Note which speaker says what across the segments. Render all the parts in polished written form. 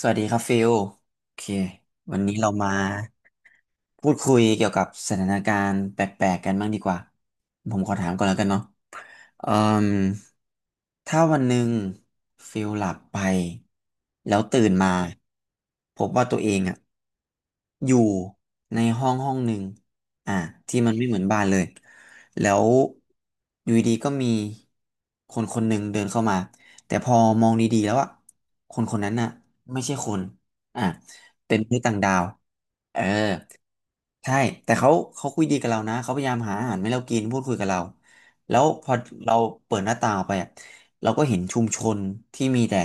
Speaker 1: สวัสดีครับฟิลโอเควันนี้เรามาพูดคุยเกี่ยวกับสถานการณ์แปลกๆกันบ้างดีกว่าผมขอถามก่อนแล้วกันเนาะเอ่มถ้าวันหนึ่งฟิลหลับไปแล้วตื่นมาพบว่าตัวเองอะอยู่ในห้องห้องหนึ่งอ่ะที่มันไม่เหมือนบ้านเลย แล้วอยู่ดีๆก็มีคนคนหนึ่งเดินเข้ามาแต่พอมองดีๆแล้วอะคนคนนั้นน่ะไม่ใช่คนอ่ะเป็นมนุษย์ต่างดาวเออ ใช่แต่เขาเขาคุยดีกับเรานะเขาพยายามหาอาหารให้เรากินพูดคุยกับเราแล้วพอเราเปิดหน้าต่างออกไปอะเราก็เห็นชุมชนที่มีแต่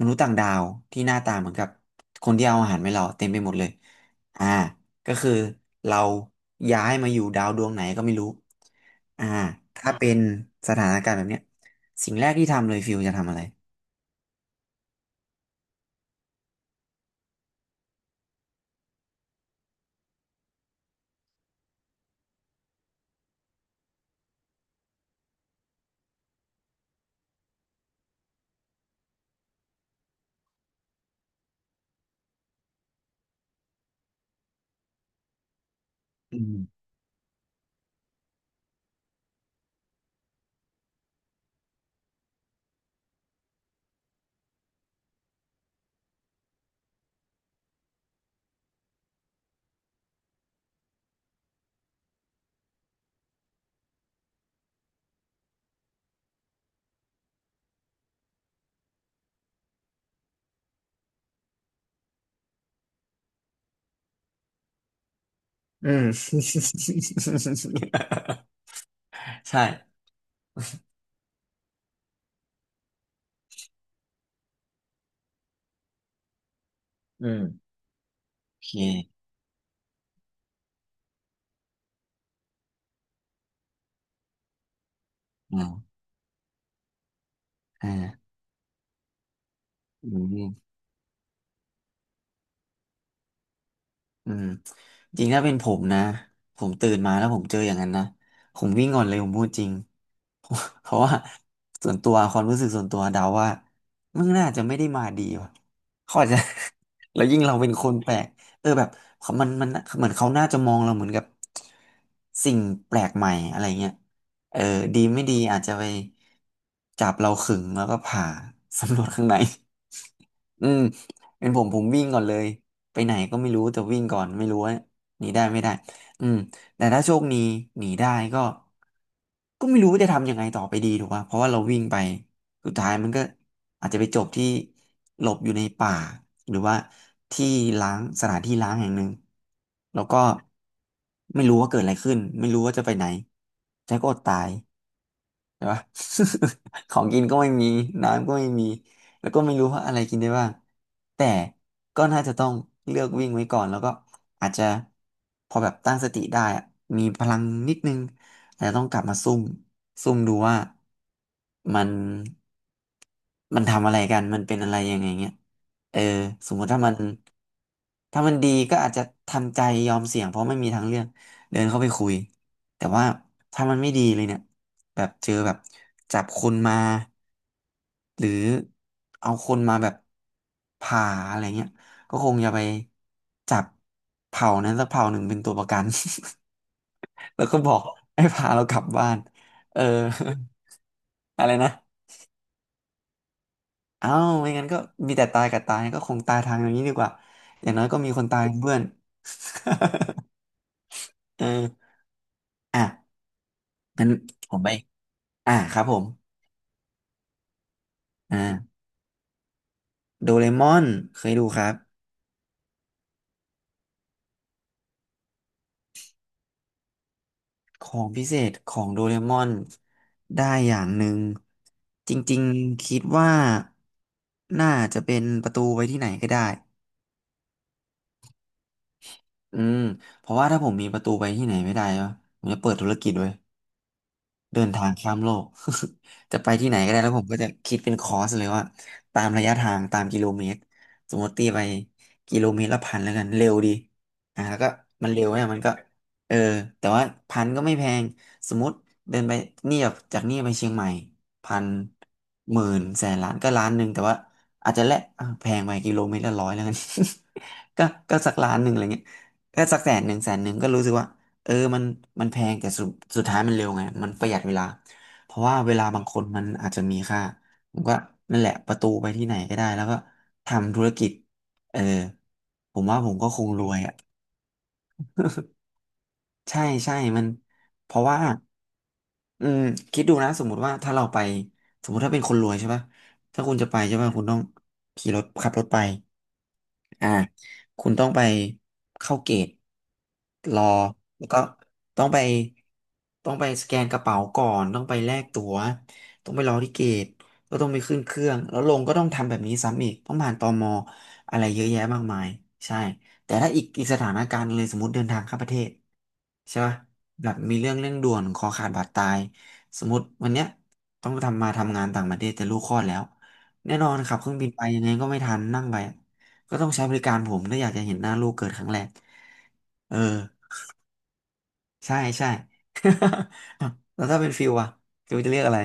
Speaker 1: มนุษย์ต่างดาวที่หน้าตาเหมือนกับคนที่เอาอาหารมาให้เราเต็มไปหมดเลยอ่าก็คือเราย้ายมาอยู่ดาวดวงไหนก็ไม่รู้อ่าถ้าเป็นสถานการณ์แบบเนี้ยสิ่งแรกที่ทำเลยฟิลจะทำอะไรอืมอืม ใช่อืมโอเคอ่าอ่า อืมอืมจริงถ้าเป็นผมนะผมตื่นมาแล้วผมเจออย่างนั้นนะผมวิ่งก่อนเลยผมพูดจริง เพราะว่าส่วนตัวความรู้สึกส่วนตัวเดาว่ามึงน่าจะไม่ได้มาดีว่ะเขาอาจจะ แล้วยิ่งเราเป็นคนแปลกเออแบบเขามันเหมือนเขาน่าจะมองเราเหมือนกับสิ่งแปลกใหม่อะไรเงี้ยเออดีไม่ดีอาจจะไปจับเราขึงแล้วก็ผ่า สำรวจข้างใน อืมเป็นผมผมวิ่งก่อนเลยไปไหนก็ไม่รู้แต่วิ่งก่อนไม่รู้ว่าหนีได้ไม่ได้อืมแต่ถ้าโชคดีหนีได้ก็ก็ไม่รู้ว่าจะทำยังไงต่อไปดีถูกป่ะเพราะว่าเราวิ่งไปสุดท้ายมันก็อาจจะไปจบที่หลบอยู่ในป่าหรือว่าที่ล้างสถานที่ล้างแห่งหนึ่งแล้วก็ไม่รู้ว่าเกิดอะไรขึ้นไม่รู้ว่าจะไปไหนแจ็คก็อดตาย ใช่ปะ ของกินก็ไม่มีน้ำก็ไม่มีแล้วก็ไม่รู้ว่าอะไรกินได้บ้างแต่ก็น่าจะต้องเลือกวิ่งไว้ก่อนแล้วก็อาจจะพอแบบตั้งสติได้อะมีพลังนิดนึงอาจจะต้องกลับมาซุ่มดูว่ามันมันทำอะไรกันมันเป็นอะไรยังไงเงี้ยเออสมมุติถ้ามัน ถ้ามันดีก็อาจจะทำใจยอมเสี่ยงเพราะไม่มีทางเลือกเดินเข้าไปคุยแต่ว่าถ้ามันไม่ดีเลยเนี่ยแบบเจอแบบจับคนมาหรือเอาคนมาแบบผ่าอะไรเงี้ยก็คงจะไปจับเผ่านั้นสักเผ่าหนึ่งเป็นตัวประกัน แล้วก็บอกให้พาเรากลับบ้านเออ อะไรนะเอ้าไม่งั้นก็มีแต่ตายกับตายก็คงตายทางอย่างนี้ดีกว่าอย่างน้อยก็มีคนตายเป็นเพื่อน เอออ่ะ งั้นผมไปอ่าครับผม อ่าโดเรมอนเคยดูครับ ของพิเศษของโดเรมอนได้อย่างหนึ่งจริงๆ คิดว่า น่าจะเป็นประตูไปที่ไหนก็ได้อืมเพราะว่าถ้าผมมีประตูไปที่ไหนไม่ได้วะผมจะเปิดธุรกิจไว้ เดินทางข้ามโลก จะไปที่ไหนก็ได้แล้วผมก็จะคิดเป็นคอร์สเลยว่าตามระยะทางตามกิโลเมตรสมมติตีไปกิโลเมตรละพันแล้วกันเร็วดีอ่ะแล้วก็มันเร็วเนี่ยมันก็เออแต่ว่าพันก็ไม่แพงสมมติเดินไปนี่แบบจากนี่ไปเชียงใหม่พันหมื่นแสนล้านก็ล้านหนึ่งแต่ว่าอาจจะแลกอ่ะแพงไปกิโลเมตรละร้อยแล้วกัน ก็ก็สักล้านหนึ่งอะไรเงี้ยก็สักแสนหนึ่งแสนหนึ่งก็รู้สึกว่า เออมันแพงแต่สุดท้ายมันเร็วไง มันประหยัดเวลา เพราะว่าเวลาบางคนมันอาจจะมีค่า ผมก็นั่นแหละ ประตูไปที่ไหนก็ได้แล้วก็ทำธุรกิจเออผมว่าผมก็คงรวยอ่ะ ใช่ใช่มันเพราะว่าอืมคิดดูนะ สมมุติว่าถ้าเราไป สมมุติถ้าเป็นคนรวยใช่ป่ะถ้าคุณจะไปใช่ป่ะคุณต้องขี่รถขับรถไป อ่าคุณต้องไปเข้าเกตรอแล้วก็ต้องไปต้องไปสแกนกระเป๋าก่อนต้องไปแลกตั๋วต้องไปรอที่เกตก็ต้องไปขึ้นเครื่องแล้วลงก็ต้องทำแบบนี้ซ้ำอีกต้องผ่านตมอะไรเยอะแยะมากมายใช่แต่ถ้าอีกสถานการณ์หนึ่งเลยสมมติเดินทางข้ามประเทศใช่ปะแบบมีเรื่องเร่งด่วนคอขาดบาดตายสมมติวันเนี้ยต้องทำมาทำงานต่างประเทศแต่ลูกคลอดแล้วแน่นอนขับเครื่องบินไปยังไงก็ไม่ทันนั่งไป ก็ต้องใช้บริการผมถ้าอยากจะเห็นหน้าลูกเกิดครั้งแรกเออ ใช่ใช่ อ้าวแล้วถ้าเป็นฟิวอะฟิวจะเรียกอะไร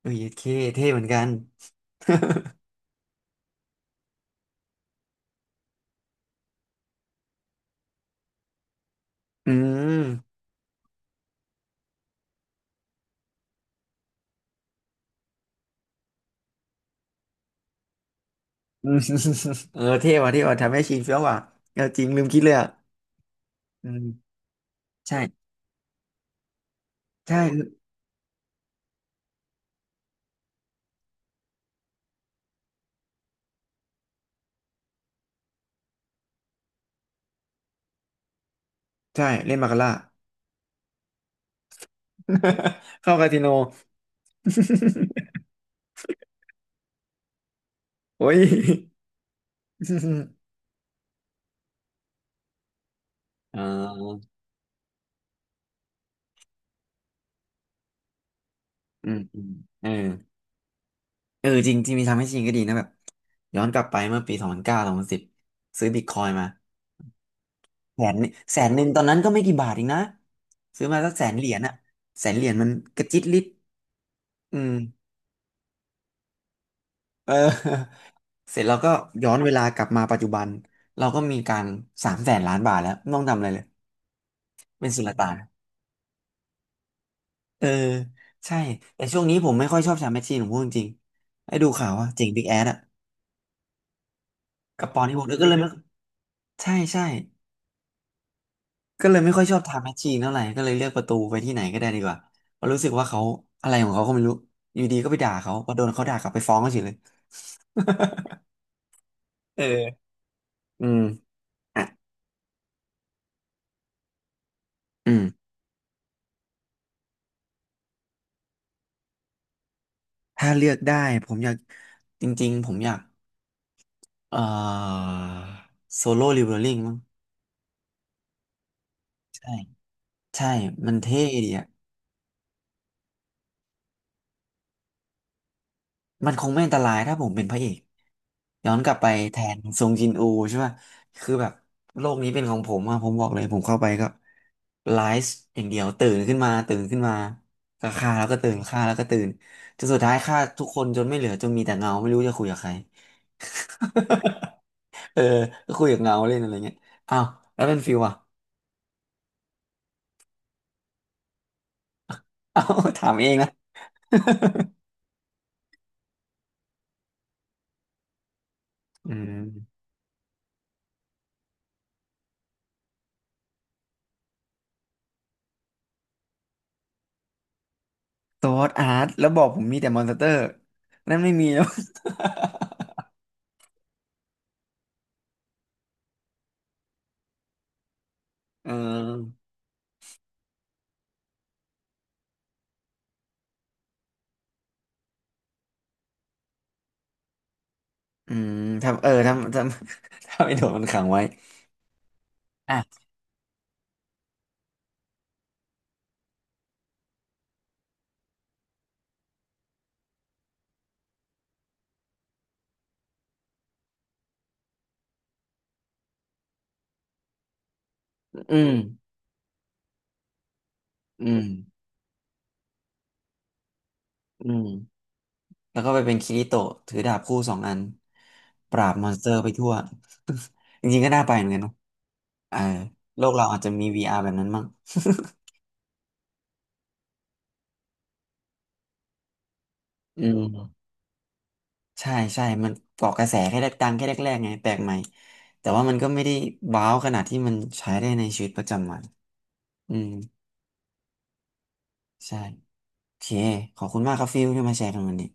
Speaker 1: เออเคเท่เหมือนกันอืม อืมเออเท่ว่ะเท่ว่ะทำให้ชินเฟี้ยวว่ะเออจริงลืมคิดเลยอ่ะอืมใช่ใช่ใช่เล่นมาคาร่า เข้าคาสิโน โอ้ย อ่าอืมอืมเออ เออจริงที่มีทำให้จริงก็ดีนะแบบย้อนกลับไปเมื่อปี20092010ซื้อบิตคอยน์มาแสนนี่แสนหนึ่งตอนนั้นก็ไม่กี่บาทเองนะซื้อมาสักแสนเหรียญอะแสนเหรียญมันกระจิตริดอืมเออ เสร็จเราก็ย้อนเวลากลับมาปัจจุบันเราก็มีการ300,000 ล้านบาทแล้วไม่ต้องทำอะไรเลยเป็นสุลต่านเออใช่แต่ช่วงนี้ผมไม่ค่อยชอบชาแมชชีนผมพูดจริงๆให้ดูข่าวว่าเจ๋งบิ๊กแอดอะกับปอนที่ผมแล้วก็เลยไม่ใช่ใช่ ก็เลยไม่ค่อยชอบทำแมชชีนเท่าไหร่ก็เลยเลือกประตูไปที่ไหนก็ได้ดีกว่าเพราะรู้สึกว่าเขาอะไรของเขาก็ไม่รู้อยู่ดีก็ไปด่าเขาพอโดนเขาด่ากลับไปฟ้องเขาเฉยเลยเอออืมอ่ะอืมถ้าเลือกได้ผมอยากจริงๆผมอยากเอ่อโซโล่ l ิเวอริ่งมั้งใช่ใช่มันเท่ดีอะ มันคงไม่อันตรายถ้าผมเป็นพระเอกย้อนกลับไปแทนซงจินอูใช่ป่ะคือแบบโลกนี้เป็นของผมอะผมบอกเลยผมเข้าไปก็ไลฟ์อย่างเดียวตื่นขึ้นมาตื่นขึ้นมาก็ฆ่าแล้วก็ตื่นฆ่าแล้วก็ตื่นจนสุดท้ายฆ่าทุกคนจนไม่เหลือจนมีแต่เงาไม่รู้จะคุยกับใคร เออก็คุยกับเงาเล่นอะไรเงี้ยอ้าวแล้วเป็นฟิวอะอ้าวถามเองนะ อืมซอสอาร์ตแล้วบอกผมมีแต่มอนสเตอร์นั่นไม่มีแล้ว เออ อืมทำเออทำทำ ทำไอ้โดดมันขังไว้อ่ะอืม อืม อืม แล้วก็ไปเป็นคิริโตะถือดาบคู่สองอันปราบมอนสเตอร์ไปทั่ว จริงๆก็น่าไปเหมือนกันเนอะเออโลกเราอาจจะมี VR แบบนั้นมั้ง อืมใช่ใช่ มันเกาะกระแสแค่ดังแค่แรกๆไงแปลกใหม่แต่ว่ามันก็ไม่ได้ว้าวขนาดที่มันใช้ได้ในชีวิตประจำวัน อืมใช่โอเคขอบคุณมากครับฟิลที่มาแชร์กันวันนี้